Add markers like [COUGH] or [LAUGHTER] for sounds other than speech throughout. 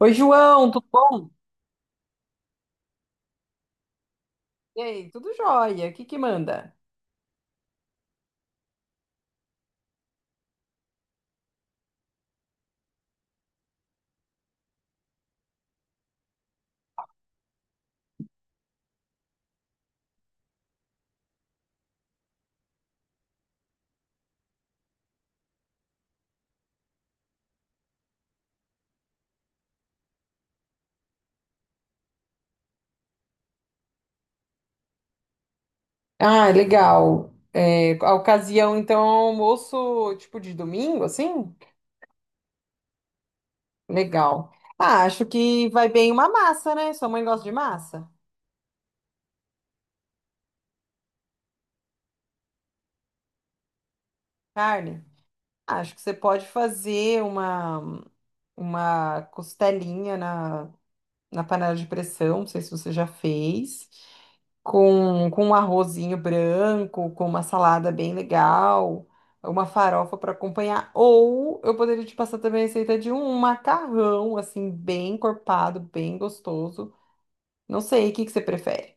Oi, João, tudo bom? E aí, tudo jóia? O que que manda? Ah, legal. É, a ocasião, então, é um almoço tipo de domingo, assim? Legal. Ah, acho que vai bem uma massa, né? Sua mãe gosta de massa? Carne? Ah, acho que você pode fazer uma costelinha na, na panela de pressão, não sei se você já fez, com um arrozinho branco, com uma salada bem legal, uma farofa para acompanhar. Ou eu poderia te passar também a receita de um macarrão, assim, bem encorpado, bem gostoso. Não sei, o que que você prefere?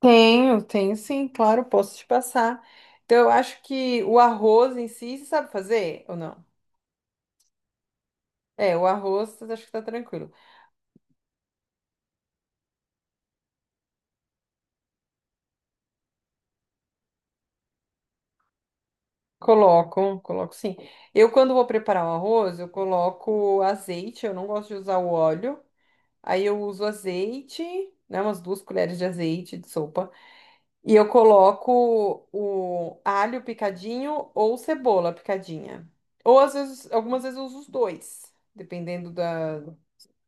Tenho, tenho sim, claro, posso te passar. Então, eu acho que o arroz em si, você sabe fazer ou não? É, o arroz, acho que tá tranquilo. Coloco, coloco sim. Eu, quando vou preparar o arroz, eu coloco azeite, eu não gosto de usar o óleo. Aí eu uso azeite, né, umas 2 colheres de azeite de sopa. E eu coloco o alho picadinho ou cebola picadinha. Ou às vezes, algumas vezes eu uso os dois, dependendo da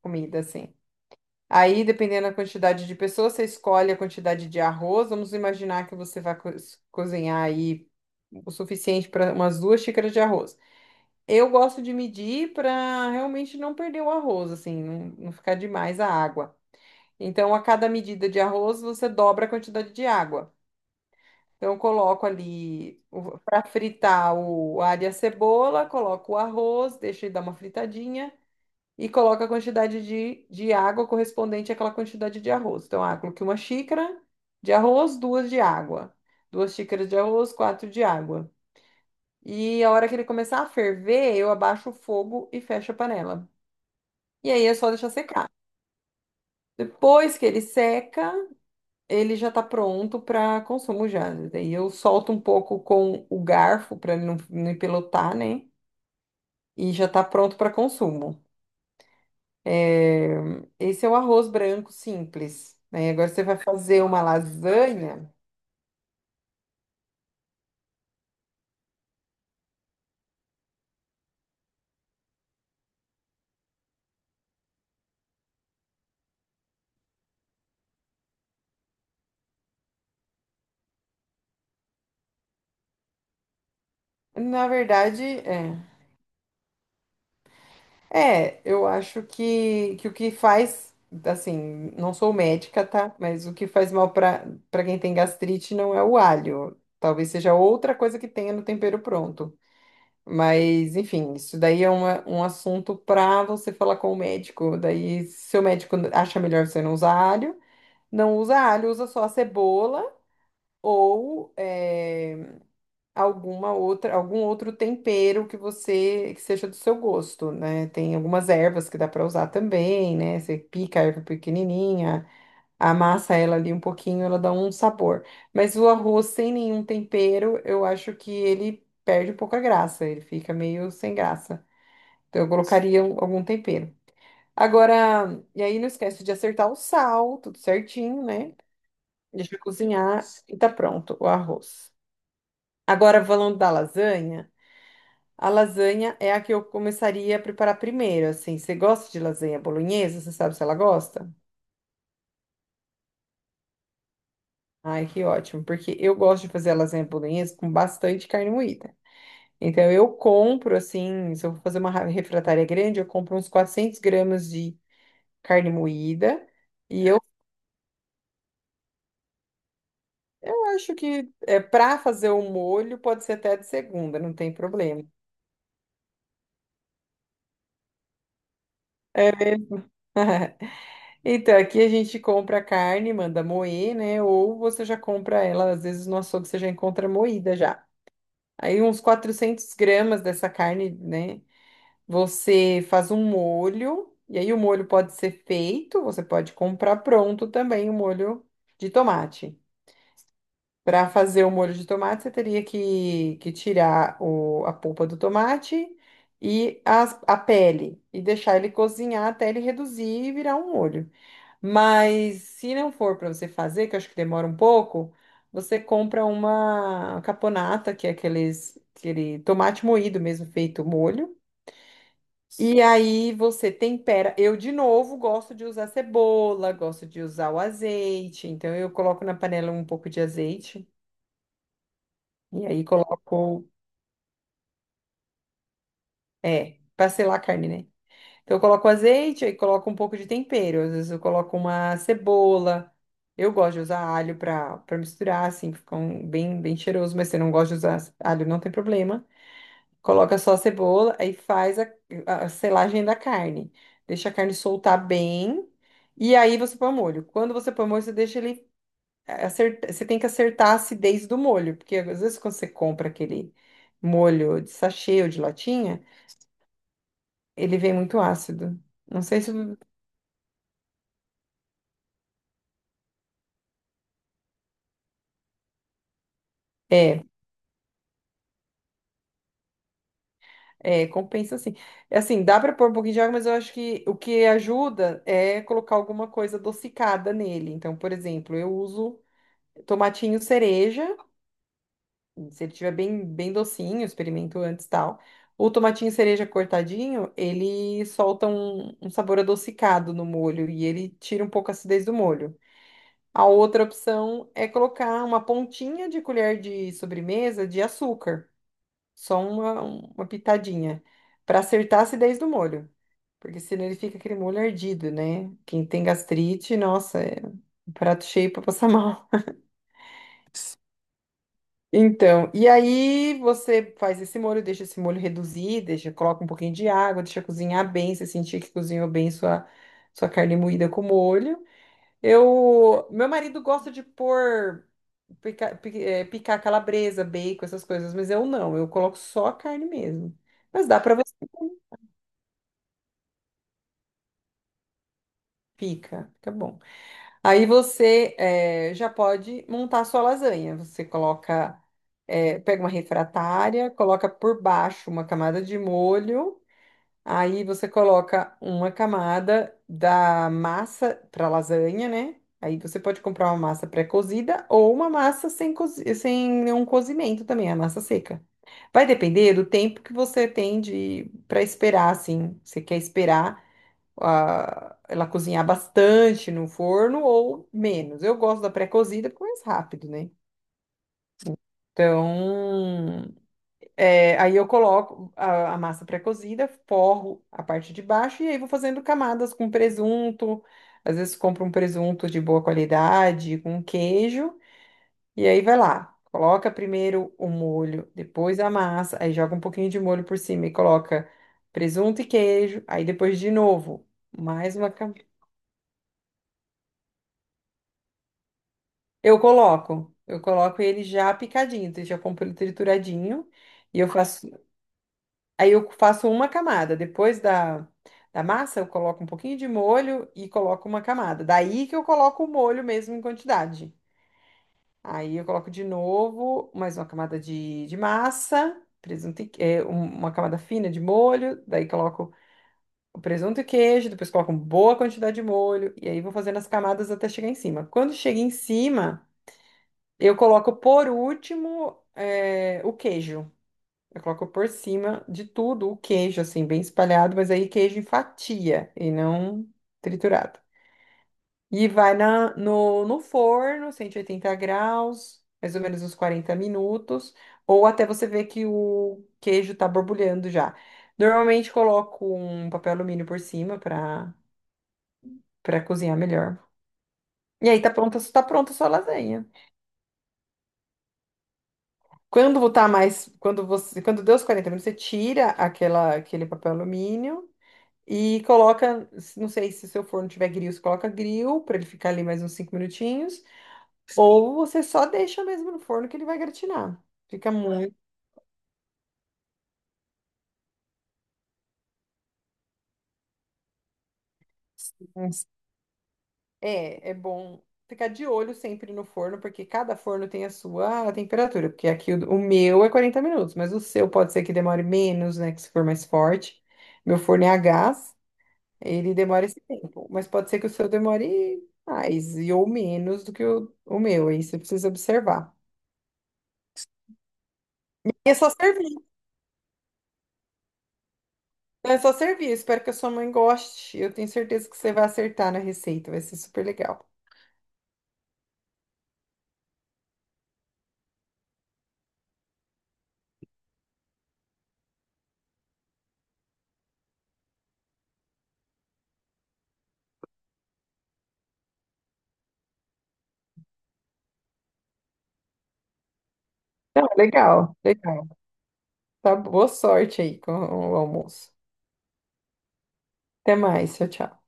comida, assim. Aí, dependendo da quantidade de pessoas, você escolhe a quantidade de arroz. Vamos imaginar que você vai cozinhar aí o suficiente para umas 2 xícaras de arroz. Eu gosto de medir para realmente não perder o arroz, assim, não ficar demais a água. Então, a cada medida de arroz, você dobra a quantidade de água. Então, eu coloco ali para fritar o a alho e a cebola, coloco o arroz, deixo ele dar uma fritadinha e coloco a quantidade de água correspondente àquela quantidade de arroz. Então, ah, coloquei 1 xícara de arroz, duas de água. 2 xícaras de arroz, quatro de água. E a hora que ele começar a ferver, eu abaixo o fogo e fecho a panela. E aí é só deixar secar. Depois que ele seca, ele já tá pronto para consumo já. Daí eu solto um pouco com o garfo para ele não empelotar, né? E já tá pronto para consumo. É, esse é o arroz branco simples, né? Agora você vai fazer uma lasanha. Na verdade, é. É, eu acho que o que faz, assim, não sou médica, tá? Mas o que faz mal para quem tem gastrite não é o alho. Talvez seja outra coisa que tenha no tempero pronto. Mas, enfim, isso daí é um assunto para você falar com o médico. Daí, se o médico acha melhor você não usar alho, não usa alho, usa só a cebola ou alguma outra, algum outro tempero que você que seja do seu gosto, né? Tem algumas ervas que dá para usar também, né? Você pica a erva pequenininha, amassa ela ali um pouquinho, ela dá um sabor. Mas o arroz sem nenhum tempero, eu acho que ele perde um pouco a graça, ele fica meio sem graça. Então eu colocaria algum tempero. Agora, e aí não esquece de acertar o sal, tudo certinho, né? Deixa cozinhar e tá pronto o arroz. Agora, falando da lasanha, a lasanha é a que eu começaria a preparar primeiro, assim. Você gosta de lasanha bolonhesa? Você sabe se ela gosta? Ai, que ótimo, porque eu gosto de fazer a lasanha bolonhesa com bastante carne moída. Então eu compro, assim, se eu vou fazer uma refratária grande, eu compro uns 400 gramas de carne moída. E eu, eu acho que é, para fazer o molho pode ser até de segunda, não tem problema. [LAUGHS] Então, aqui a gente compra a carne, manda moer, né? Ou você já compra ela, às vezes no açougue você já encontra moída já. Aí uns 400 gramas dessa carne, né? Você faz um molho, e aí o molho pode ser feito, você pode comprar pronto também o molho de tomate. Para fazer o molho de tomate, você teria que tirar a polpa do tomate e a pele e deixar ele cozinhar até ele reduzir e virar um molho. Mas se não for para você fazer, que eu acho que demora um pouco, você compra uma caponata, que é aqueles, aquele tomate moído mesmo, feito molho. E aí você tempera. Eu, de novo, gosto de usar cebola, gosto de usar o azeite. Então eu coloco na panela um pouco de azeite e aí coloco, é, para selar a carne, né? Então eu coloco azeite, aí coloco um pouco de tempero, às vezes eu coloco uma cebola. Eu gosto de usar alho para misturar, assim, fica um, bem, bem cheiroso, mas se você não gosta de usar alho, não tem problema. Coloca só a cebola, aí faz a selagem da carne. Deixa a carne soltar bem, e aí você põe o molho. Quando você põe o molho, você deixa ele acertar, você tem que acertar a acidez do molho, porque às vezes quando você compra aquele molho de sachê ou de latinha, ele vem muito ácido. Não sei se. É, é, compensa assim. Assim, dá para pôr um pouquinho de água, mas eu acho que o que ajuda é colocar alguma coisa adocicada nele. Então, por exemplo, eu uso tomatinho cereja, se ele tiver bem, bem docinho, experimento antes e tal. O tomatinho cereja cortadinho, ele solta um sabor adocicado no molho e ele tira um pouco a acidez do molho. A outra opção é colocar uma pontinha de colher de sobremesa de açúcar. Só uma pitadinha. Para acertar a acidez do molho. Porque senão ele fica aquele molho ardido, né? Quem tem gastrite, nossa, é um prato cheio para passar [LAUGHS] mal. Então, e aí você faz esse molho, deixa esse molho reduzir, deixa, coloca um pouquinho de água, deixa cozinhar bem, você sentir que cozinhou bem sua carne moída com molho. Eu, meu marido gosta de pôr picar calabresa, bacon, essas coisas, mas eu não, eu coloco só a carne mesmo. Mas dá para você pica, fica bom. Aí você já pode montar a sua lasanha. Você coloca, pega uma refratária, coloca por baixo uma camada de molho. Aí você coloca uma camada da massa para lasanha, né? Aí você pode comprar uma massa pré-cozida ou uma massa sem, sem nenhum cozimento também, a massa seca. Vai depender do tempo que você tem de para esperar, assim. Você quer esperar ah, ela cozinhar bastante no forno ou menos. Eu gosto da pré-cozida porque é mais rápido, né? Então, é, aí eu coloco a massa pré-cozida, forro a parte de baixo e aí vou fazendo camadas com presunto. Às vezes compro um presunto de boa qualidade, com queijo, e aí vai lá. Coloca primeiro o molho, depois a massa, aí joga um pouquinho de molho por cima e coloca presunto e queijo, aí depois de novo, mais uma camada. Eu coloco ele já picadinho, então eu já compro ele trituradinho e eu faço aí eu faço uma camada. Depois da, da massa, eu coloco um pouquinho de molho e coloco uma camada. Daí que eu coloco o molho mesmo em quantidade. Aí eu coloco de novo mais uma camada de massa, presunto e, é, uma camada fina de molho. Daí coloco o presunto e queijo. Depois coloco uma boa quantidade de molho. E aí vou fazendo as camadas até chegar em cima. Quando chega em cima, eu coloco por último, é, o queijo. Eu coloco por cima de tudo o queijo, assim, bem espalhado, mas aí queijo em fatia e não triturado. E vai na, no, no forno, 180 graus, mais ou menos uns 40 minutos, ou até você ver que o queijo tá borbulhando já. Normalmente coloco um papel alumínio por cima para cozinhar melhor. E aí tá pronta a sua lasanha. Quando tá mais, quando você, quando deu os 40 minutos, você tira aquele papel alumínio. E coloca, não sei se o seu forno tiver grill, você coloca grill para ele ficar ali mais uns 5 minutinhos, ou você só deixa mesmo no forno que ele vai gratinar. Fica muito. É, é bom ficar de olho sempre no forno, porque cada forno tem a sua temperatura. Porque aqui o meu é 40 minutos, mas o seu pode ser que demore menos, né? Que se for mais forte. Meu forno é a gás, ele demora esse tempo, mas pode ser que o seu demore mais e ou menos do que o meu, aí você precisa observar. É só servir, é só servir. Espero que a sua mãe goste. Eu tenho certeza que você vai acertar na receita, vai ser super legal. Não, legal, legal. Tá, boa sorte aí com o almoço. Até mais, tchau, tchau.